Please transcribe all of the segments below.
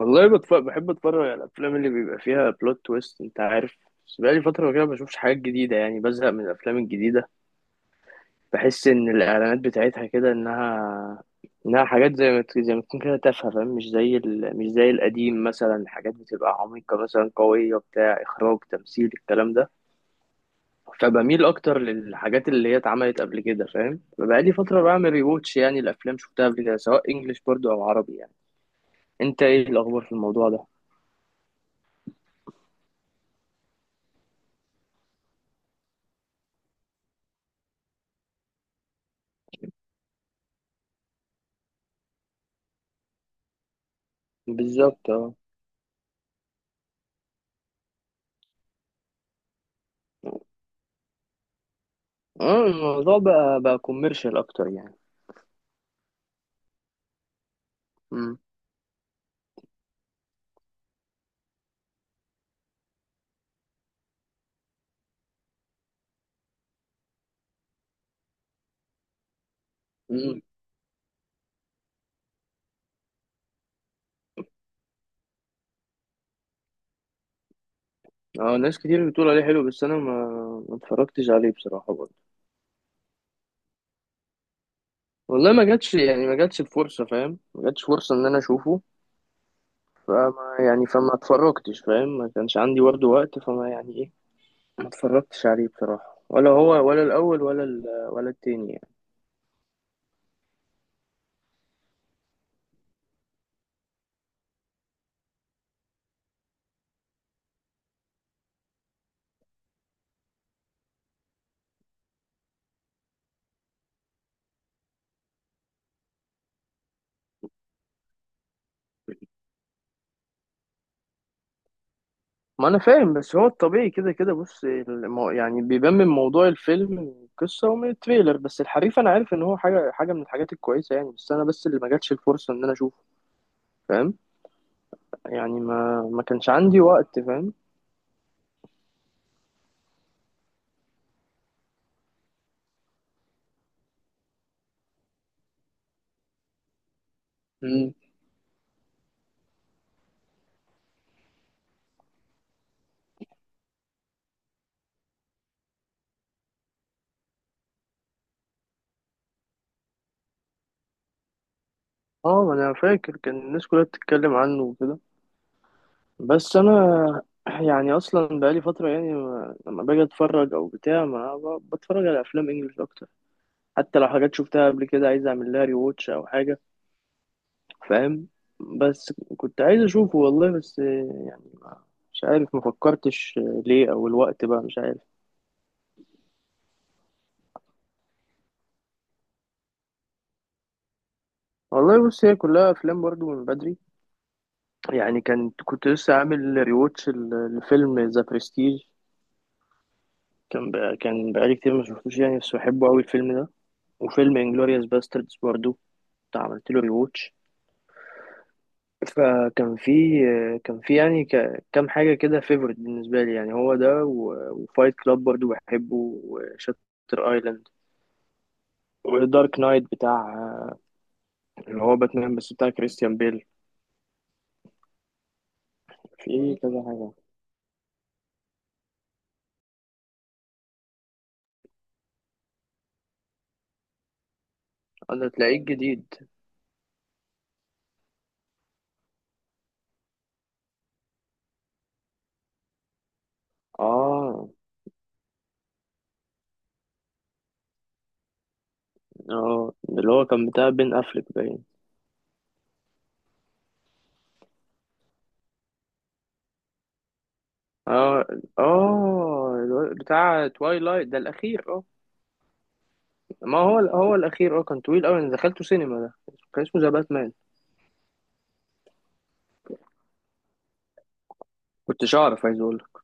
والله بحب اتفرج على الافلام اللي بيبقى فيها بلوت تويست، انت عارف. بس بقالي فتره كده ما بشوفش حاجات جديده، يعني بزهق من الافلام الجديده. بحس ان الاعلانات بتاعتها كده انها حاجات زي ما تكون كده تافهه، فاهم؟ مش زي القديم، مثلا حاجات بتبقى عميقه، مثلا قويه، بتاع اخراج تمثيل الكلام ده. فبميل اكتر للحاجات اللي هي اتعملت قبل كده، فاهم؟ فبقالي فتره بعمل ريواتش، يعني الافلام شفتها قبل كده، سواء انجليش برضو او عربي يعني. انت ايه الاخبار في الموضوع ده؟ بالظبط. اه الموضوع بقى كوميرشال اكتر يعني. امم. امم. اه ناس كتير بتقول عليه حلو، بس انا ما اتفرجتش عليه بصراحه برضه. والله ما جاتش، يعني ما جاتش الفرصه، فاهم؟ ما جاتش فرصه ان انا اشوفه. فما يعني فما اتفرجتش، فاهم؟ ما كانش عندي برضه وقت، فما يعني ايه. ما اتفرجتش عليه بصراحه، ولا هو ولا الاول ولا التاني يعني. ما انا فاهم، بس هو الطبيعي كده كده. يعني بيبان من موضوع الفيلم، من القصه، ومن التريلر. بس الحريف انا عارف ان هو حاجه حاجه من الحاجات الكويسه يعني، بس انا بس اللي ما جاتش الفرصه ان انا اشوفه. فاهم؟ يعني ما كانش عندي وقت، فاهم؟ مم. اه ما انا فاكر كان الناس كلها بتتكلم عنه وكده، بس انا يعني اصلا بقالي فتره، يعني ما... لما باجي اتفرج او بتاع، ما ب... بتفرج على افلام انجلش اكتر. حتى لو حاجات شفتها قبل كده عايز اعمل لها ري واتش او حاجه، فاهم؟ بس كنت عايز اشوفه والله، بس مش عارف، ما فكرتش ليه، او الوقت بقى مش عارف. والله بص، هي كلها افلام برضو من بدري يعني. كنت كنت لسه عامل ريواتش لفيلم ذا برستيج. كان بقالي كتير ما شفتوش يعني، بس بحبه قوي الفيلم ده. وفيلم انجلوريوس باستردز برضو كنت عملت له ريواتش. فكان في، كان في يعني كام حاجة كده فيفورت بالنسبة لي يعني. هو ده، وفايت كلاب برضو بحبه، وشاتر ايلاند، ودارك نايت بتاع، اللي هو باتمان بس بتاع كريستيان بيل. في كذا حاجة. أنا تلاقيه جديد. آه. آه اللي هو كان بتاع بين أفليك باين. آه. آه بتاع توايلايت ده الأخير، آه. ما هو هو الأخير، آه كان طويل أوي. أنا دخلته سينما ده، كان اسمه ذا باتمان. كنتش أعرف، عايز أقول لك.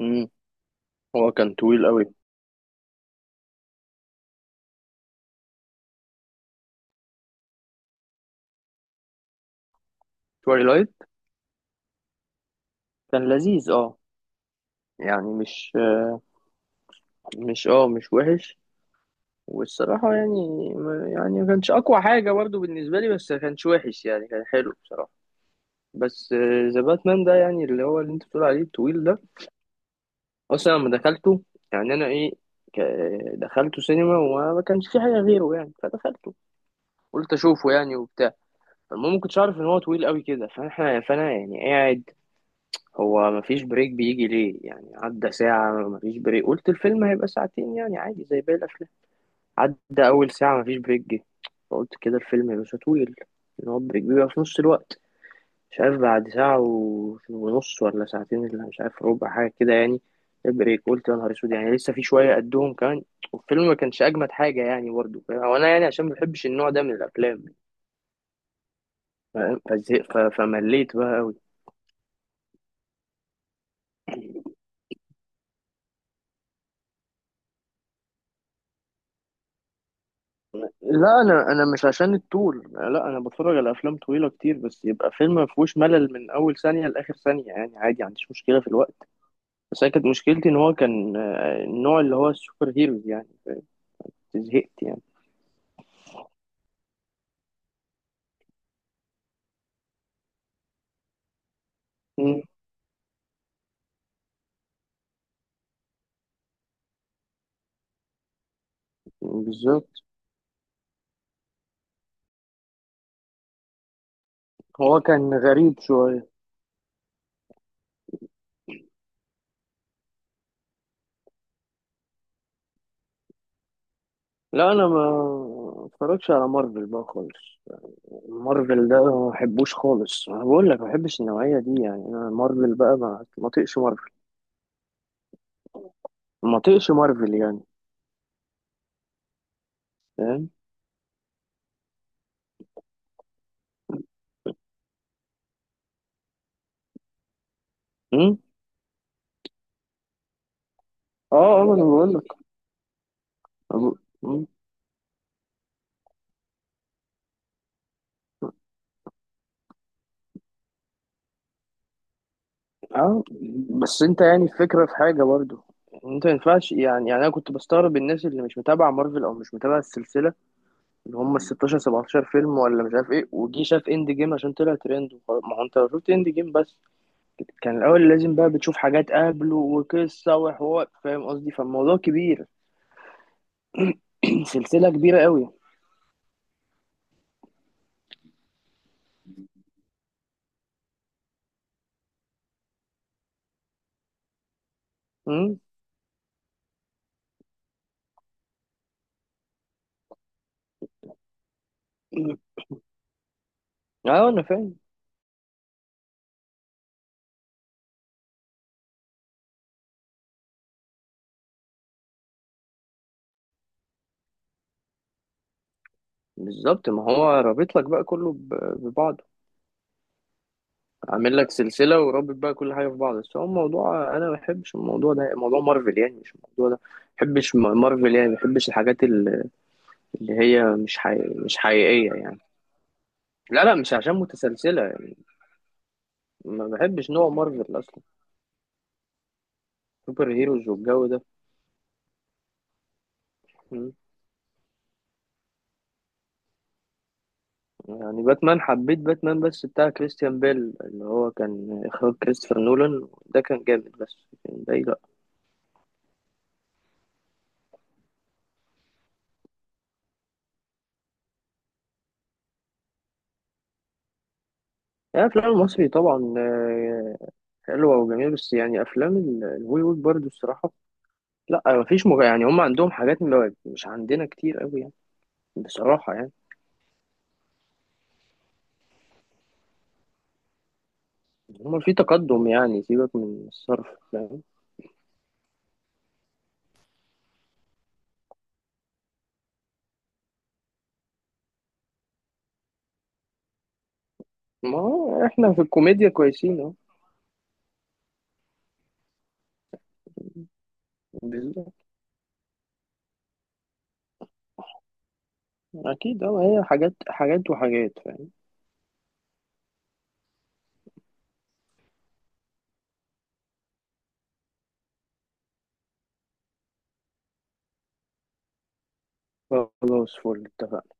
امم. هو كان طويل أوي. توايلايت كان لذيذ آه. يعني مش، مش آه، مش وحش. والصراحة يعني ما كانش أقوى حاجة برضه بالنسبة لي، بس ما كانش وحش يعني، كان حلو بصراحة. بس ذا باتمان ده يعني، اللي هو اللي أنت بتقول عليه الطويل ده، أصلا لما دخلته، يعني أنا إيه، ك- دخلته سينما وما كانش في حاجة غيره يعني، فدخلته، قلت أشوفه يعني وبتاع. المهم ما كنتش أعرف إن هو طويل قوي كده، فإحنا فأنا يعني قاعد. هو ما فيش بريك بيجي ليه يعني، عدى ساعة ما فيش بريك، قلت الفيلم هيبقى ساعتين يعني عادي زي باقي الأفلام. عدى أول ساعة مفيش بريك جه، فقلت كده الفيلم مش هطول، إن هو بريك بيبقى في نص الوقت. مش عارف بعد ساعة ونص، ولا ساعتين، ولا مش عارف ربع حاجة كده يعني. البريك قلت يا نهار أسود، يعني لسه في شوية قدهم كمان. والفيلم ما كانش أجمد حاجة يعني برضه، وأنا يعني عشان ما بحبش النوع ده من الأفلام، فاهم؟ فمليت بقى أوي. لا أنا أنا مش عشان الطول، لا أنا بتفرج على أفلام طويلة كتير، بس يبقى فيلم ما فيهوش ملل من أول ثانية لآخر ثانية، يعني عادي ما عنديش مشكلة في الوقت. بس أنا كانت مشكلتي إن هو كان آه، النوع اللي هو السوبر هيروز يعني. زهقت يعني. مم. بالظبط. هو كان غريب شوية. لا أنا ما اتفرجش على مارفل بقى خالص. مارفل ده ما بحبوش خالص، أنا بقول لك ما بحبش النوعية دي يعني. أنا مارفل بقى ما طيقش مارفل، ما طيقش مارفل يعني. فاهم؟ مم؟ اه اه ما انا بقول لك. اه بس انت يعني الفكرة في حاجة برضو. انت ما ينفعش يعني، يعني انا كنت بستغرب الناس اللي مش متابعة مارفل او مش متابعة السلسلة، اللي هم ال 16 17 فيلم ولا مش عارف ايه، وجي شاف اند جيم عشان طلع ترند وخلاص. ما هو انت لو شفت اند جيم بس، كان الاول لازم بقى بتشوف حاجات قبله وقصه وحوار، فاهم قصدي؟ فالموضوع كبير، سلسله كبيره قوي. امم. اه انا فاهم. بالظبط، ما هو رابط لك بقى كله ببعضه. عامل لك سلسله ورابط بقى كل حاجه في بعض. بس هو الموضوع انا ما بحبش الموضوع ده، موضوع مارفل يعني. مش الموضوع ده، ما بحبش مارفل يعني. ما بحبش الحاجات اللي اللي هي مش حقيقية، مش حقيقيه يعني. لا لا مش عشان متسلسلة يعني، ما بحبش نوع مارفل أصلا. سوبر هيروز والجو ده. مم. يعني باتمان حبيت، باتمان بس بتاع كريستيان بيل اللي هو كان إخراج كريستوفر نولان ده كان جامد، بس لكن باقي لأ. يعني الأفلام المصري طبعا آه، حلوة وجميلة، بس يعني أفلام الهوليوود برضو الصراحة، لأ يعني هم عندهم حاجات مش عندنا كتير أوي يعني، بصراحة يعني. هم في تقدم يعني، سيبك من الصرف، فاهم؟ ما هو إحنا في الكوميديا كويسين. أهو. اكيد اه، هي حاجات حاجات وحاجات، فاهم؟ خلاص فل، اتفقنا.